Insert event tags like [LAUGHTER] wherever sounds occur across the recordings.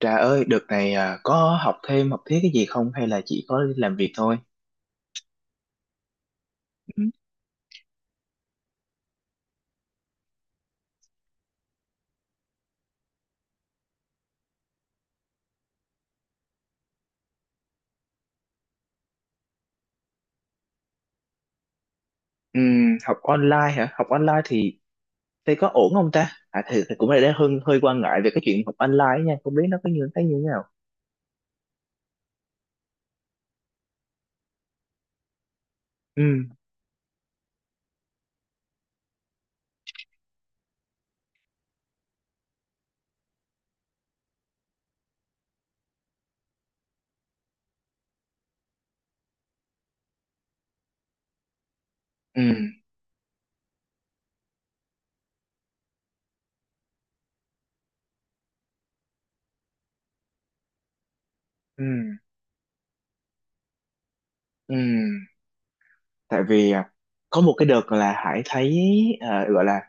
Trà ơi, đợt này à, có học thêm học thiết cái gì không, hay là chỉ có làm việc thôi? Ừ, học online hả? Học online thì có ổn không ta? À thì cũng là đang hơi hơi quan ngại về cái chuyện học online nha, không biết nó có như thế nào. Ừ, ừ, ừ, ừ. Tại vì à, có một cái đợt là Hải thấy, à, gọi là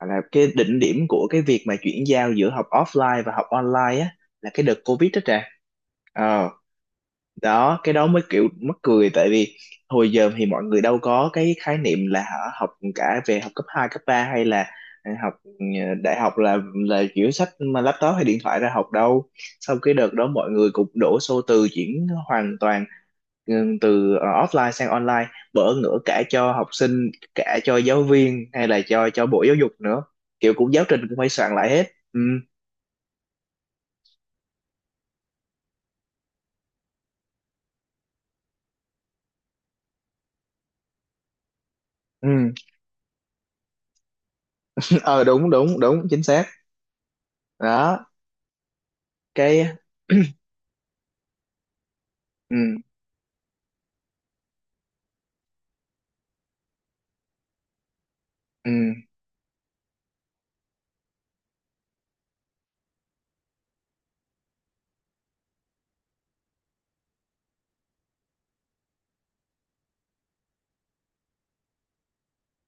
cái đỉnh điểm của cái việc mà chuyển giao giữa học offline và học online á, là cái đợt Covid đó Trà. Ờ, đó, cái đó mới kiểu mắc cười, tại vì hồi giờ thì mọi người đâu có cái khái niệm là hả, học, cả về học cấp 2 cấp 3 hay là học, đại học, là kiểu sách mà laptop hay điện thoại ra học đâu. Sau cái đợt đó mọi người cũng đổ xô, từ chuyển hoàn toàn, ừ, từ offline sang online, bỡ ngỡ cả cho học sinh, cả cho giáo viên, hay là cho bộ giáo dục nữa, kiểu cũng giáo trình cũng phải soạn lại hết. Ừ. Ừ. [LAUGHS] Ờ đúng đúng đúng, chính xác. Đó, cái... [CLEARS THROAT] ừ. Ừ,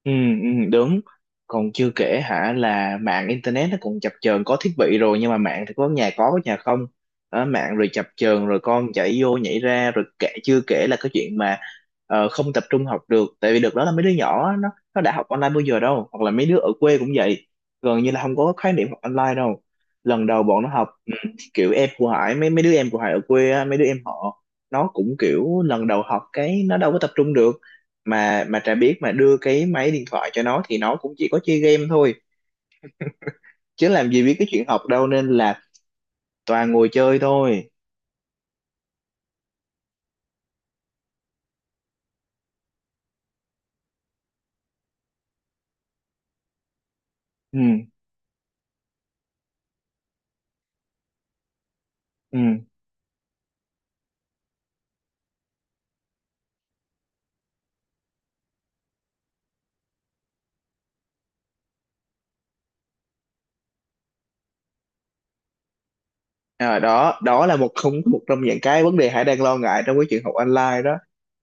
ừ, ừ, đúng. Còn chưa kể hả là mạng internet nó cũng chập chờn, có thiết bị rồi nhưng mà mạng thì có nhà có nhà không. Đó, mạng rồi chập chờn, rồi con chạy vô nhảy ra, rồi kể, chưa kể là cái chuyện mà, không tập trung học được, tại vì được đó là mấy đứa nhỏ á, nó đã học online bao giờ đâu, hoặc là mấy đứa ở quê cũng vậy, gần như là không có khái niệm học online đâu. Lần đầu bọn nó học, ừ, kiểu em của Hải, mấy mấy đứa em của Hải ở quê á, mấy đứa em họ, nó cũng kiểu lần đầu học cái nó đâu có tập trung được. Mà Trà biết, mà đưa cái máy điện thoại cho nó thì nó cũng chỉ có chơi game thôi, chứ làm gì biết cái chuyện học đâu, nên là toàn ngồi chơi thôi. Ừ. Ừ. Đó đó là một, không một trong những cái vấn đề Hải đang lo ngại trong cái chuyện học online đó.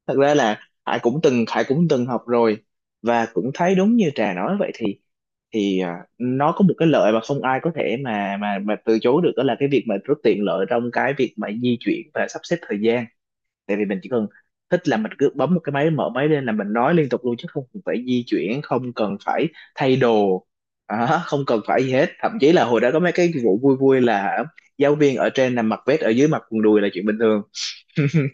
Thật ra là Hải cũng từng, học rồi, và cũng thấy đúng như Trà nói vậy, thì nó có một cái lợi mà không ai có thể mà mà từ chối được, đó là cái việc mà rất tiện lợi trong cái việc mà di chuyển và sắp xếp thời gian. Tại vì mình chỉ cần thích là mình cứ bấm một cái máy, mở máy lên là mình nói liên tục luôn, chứ không cần phải di chuyển, không cần phải thay đồ. Đó, không cần phải gì hết. Thậm chí là hồi đó có mấy cái vụ vui vui là giáo viên ở trên nằm mặc vest, ở dưới mặc quần đùi là chuyện bình thường. [LAUGHS]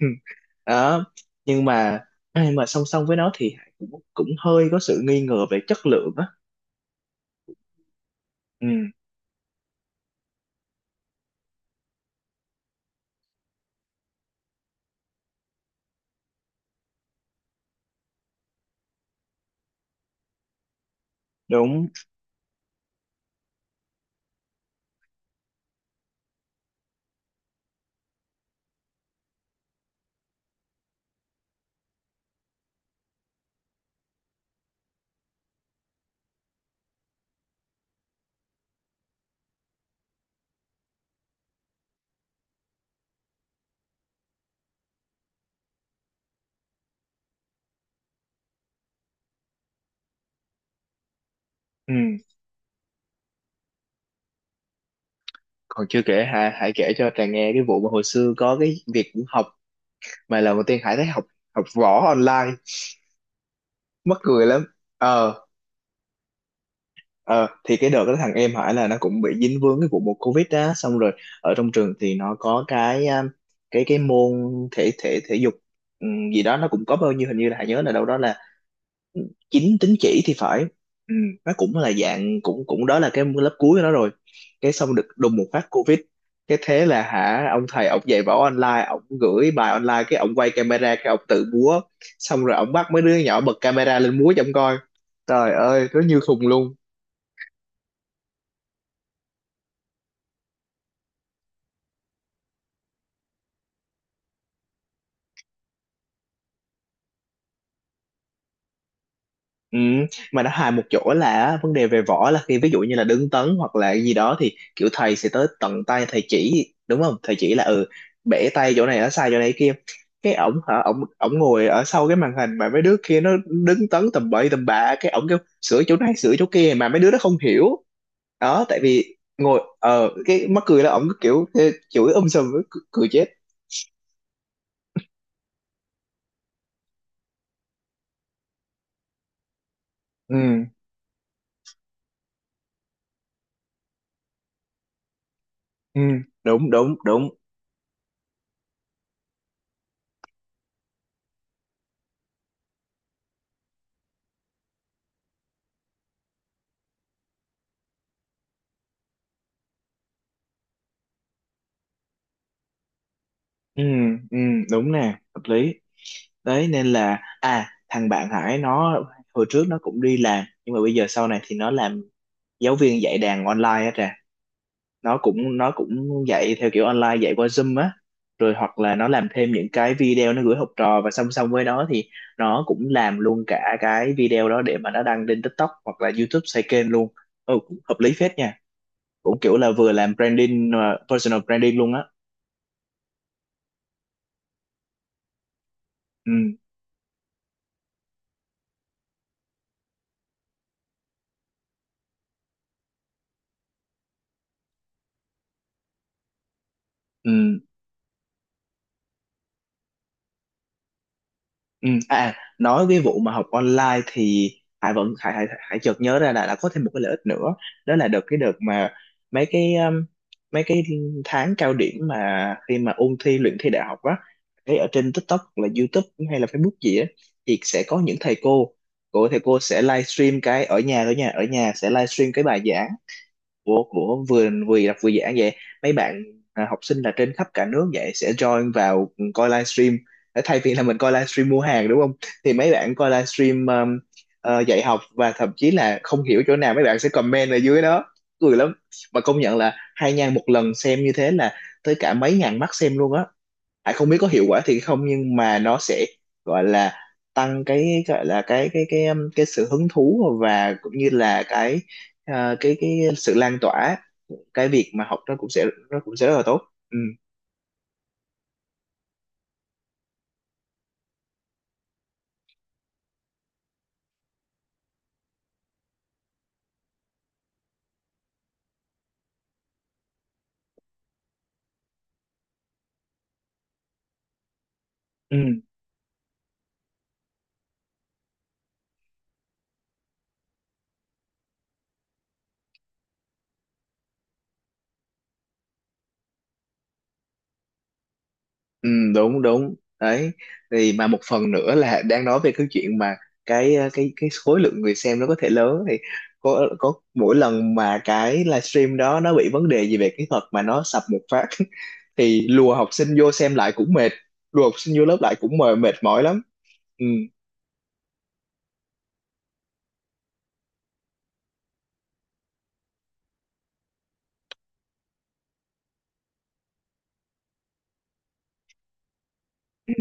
Đó. Nhưng mà song song với nó thì Hải cũng cũng hơi có sự nghi ngờ về chất lượng á. Ừ. Đúng. Ừ. Còn chưa kể Hải, kể cho Trà nghe cái vụ mà hồi xưa có cái việc học, mà lần đầu tiên Hải thấy học, học võ online, mắc cười lắm. ờ ờ thì cái đợt đó thằng em Hải là nó cũng bị dính vướng cái vụ một Covid á, xong rồi ở trong trường thì nó có cái, cái môn thể, thể dục, gì đó, nó cũng có bao nhiêu, hình như là Hải nhớ là đâu đó là 9 tín chỉ thì phải. Ừ. Nó cũng là dạng cũng, đó là cái lớp cuối của nó rồi. Cái xong được đùng một phát Covid, cái thế là hả, ông thầy ông dạy võ online, ông gửi bài online, cái ông quay camera cái ông tự múa, xong rồi ông bắt mấy đứa nhỏ bật camera lên múa cho ông coi. Trời ơi, nó như khùng luôn. Ừ, mà nó hài một chỗ là vấn đề về võ là khi ví dụ như là đứng tấn hoặc là gì đó thì kiểu thầy sẽ tới tận tay thầy chỉ, đúng không, thầy chỉ là, ừ, bẻ tay chỗ này, ở sai chỗ này kia. Cái ổng hả, ổng ổng ngồi ở sau cái màn hình, mà mấy đứa kia nó đứng tấn tầm bậy tầm bạ, cái ổng kêu sửa chỗ này sửa chỗ kia mà mấy đứa nó không hiểu. Đó, tại vì ngồi, cái mắc cười là ổng cứ kiểu ê, chửi sùm, cười, cười chết. Ừ. Ừ, đúng đúng đúng. Ừ. Ừ, đúng nè, hợp lý. Đấy nên là, thằng bạn Hải nó hồi trước nó cũng đi làm, nhưng mà bây giờ sau này thì nó làm giáo viên dạy đàn online á Trà. Nó cũng, dạy theo kiểu online, dạy qua Zoom á, rồi hoặc là nó làm thêm những cái video nó gửi học trò, và song song với đó thì nó cũng làm luôn cả cái video đó để mà nó đăng lên TikTok hoặc là YouTube, xây kênh luôn. Ừ, cũng hợp lý phết nha, cũng kiểu là vừa làm branding mà personal branding luôn á. Ừ. Ừ. Ừ, nói cái vụ mà học online thì Hải vẫn, Hải Hải, Hải chợt nhớ ra là có thêm một cái lợi ích nữa, đó là được cái đợt mà, mấy cái um, mấy cái tháng cao điểm mà khi mà ôn thi luyện thi đại học á, thấy ở trên TikTok hoặc là YouTube hay là Facebook gì á, thì sẽ có những thầy cô, sẽ livestream cái ở nhà, ở nhà sẽ livestream cái bài giảng của, vừa, đọc vừa giảng vậy. Mấy bạn, à, học sinh là trên khắp cả nước vậy sẽ join vào coi livestream. Ờ, thay vì là mình coi livestream mua hàng đúng không, thì mấy bạn coi livestream, dạy học, và thậm chí là không hiểu chỗ nào mấy bạn sẽ comment ở dưới đó, cười lắm. Mà công nhận là hai nha, một lần xem như thế là tới cả mấy ngàn mắt xem luôn á. Hải không biết có hiệu quả thì không, nhưng mà nó sẽ, gọi là, tăng cái, gọi là, cái cái sự hứng thú, và cũng như là cái, cái sự lan tỏa, cái việc mà học nó cũng sẽ, rất là tốt. Ừ. Ừ. Ừ, đúng đúng. Đấy thì mà một phần nữa là đang nói về cái chuyện mà cái, cái khối lượng người xem nó có thể lớn thì, có mỗi lần mà cái livestream đó nó bị vấn đề gì về kỹ thuật mà nó sập một phát, [LAUGHS] thì lùa học sinh vô xem lại cũng mệt, lùa học sinh vô lớp lại cũng mệt, mệt mỏi lắm. Ừ. Ừ.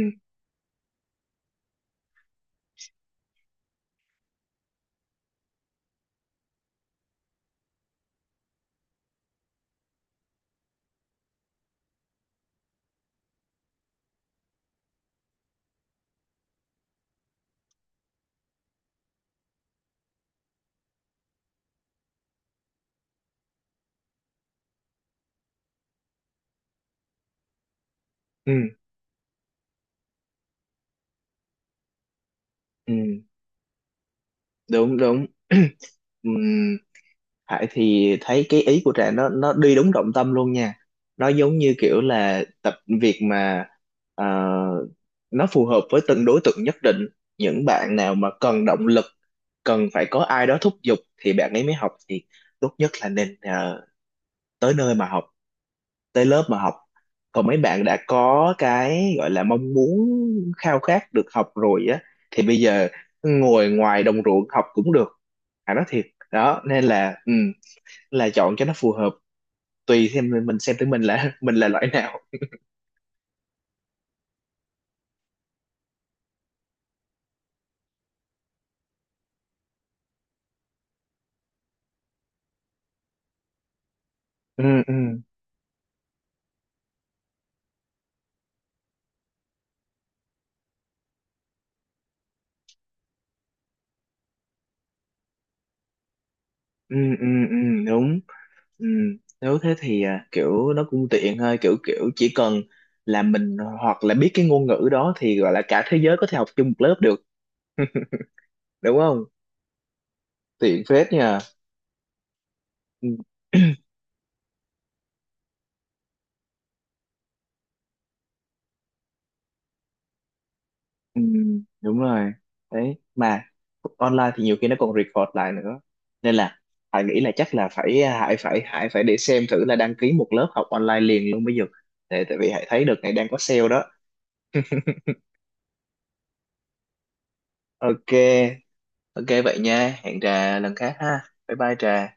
Ừ. Ừ, đúng đúng. [CLEARS THROAT] Ừ. Hải thì thấy cái ý của Trà nó, đi đúng trọng tâm luôn nha. Nó giống như kiểu là tập, việc mà, ờ, nó phù hợp với từng đối tượng nhất định. Những bạn nào mà cần động lực, cần phải có ai đó thúc giục thì bạn ấy mới học, thì tốt nhất là nên, tới nơi mà học, tới lớp mà học. Còn mấy bạn đã có cái gọi là mong muốn, khao khát được học rồi á, thì bây giờ ngồi ngoài đồng ruộng học cũng được. Hải nói thiệt. Đó, nên là, ừ, là chọn cho nó phù hợp, tùy xem mình, xem tới mình là, [LAUGHS] mình là loại nào. Ừ. Ừ. Ừ. Ừ. Ừ, đúng. Ừ. Nếu thế thì, à, kiểu nó cũng tiện thôi, kiểu kiểu chỉ cần là mình hoặc là biết cái ngôn ngữ đó thì gọi là cả thế giới có thể học chung một lớp được. [LAUGHS] Đúng không, tiện phết nha. Ừ. [CLEARS THROAT] Ừ, đúng rồi. Đấy mà online thì nhiều khi nó còn record lại nữa, nên là Hải nghĩ là chắc là phải, Hải phải Hải phải để xem thử là đăng ký một lớp học online liền luôn bây giờ, tại, vì Hải thấy đợt này đang có sale đó. Ok, ok, vậy nha, hẹn Trà lần khác ha, bye bye Trà.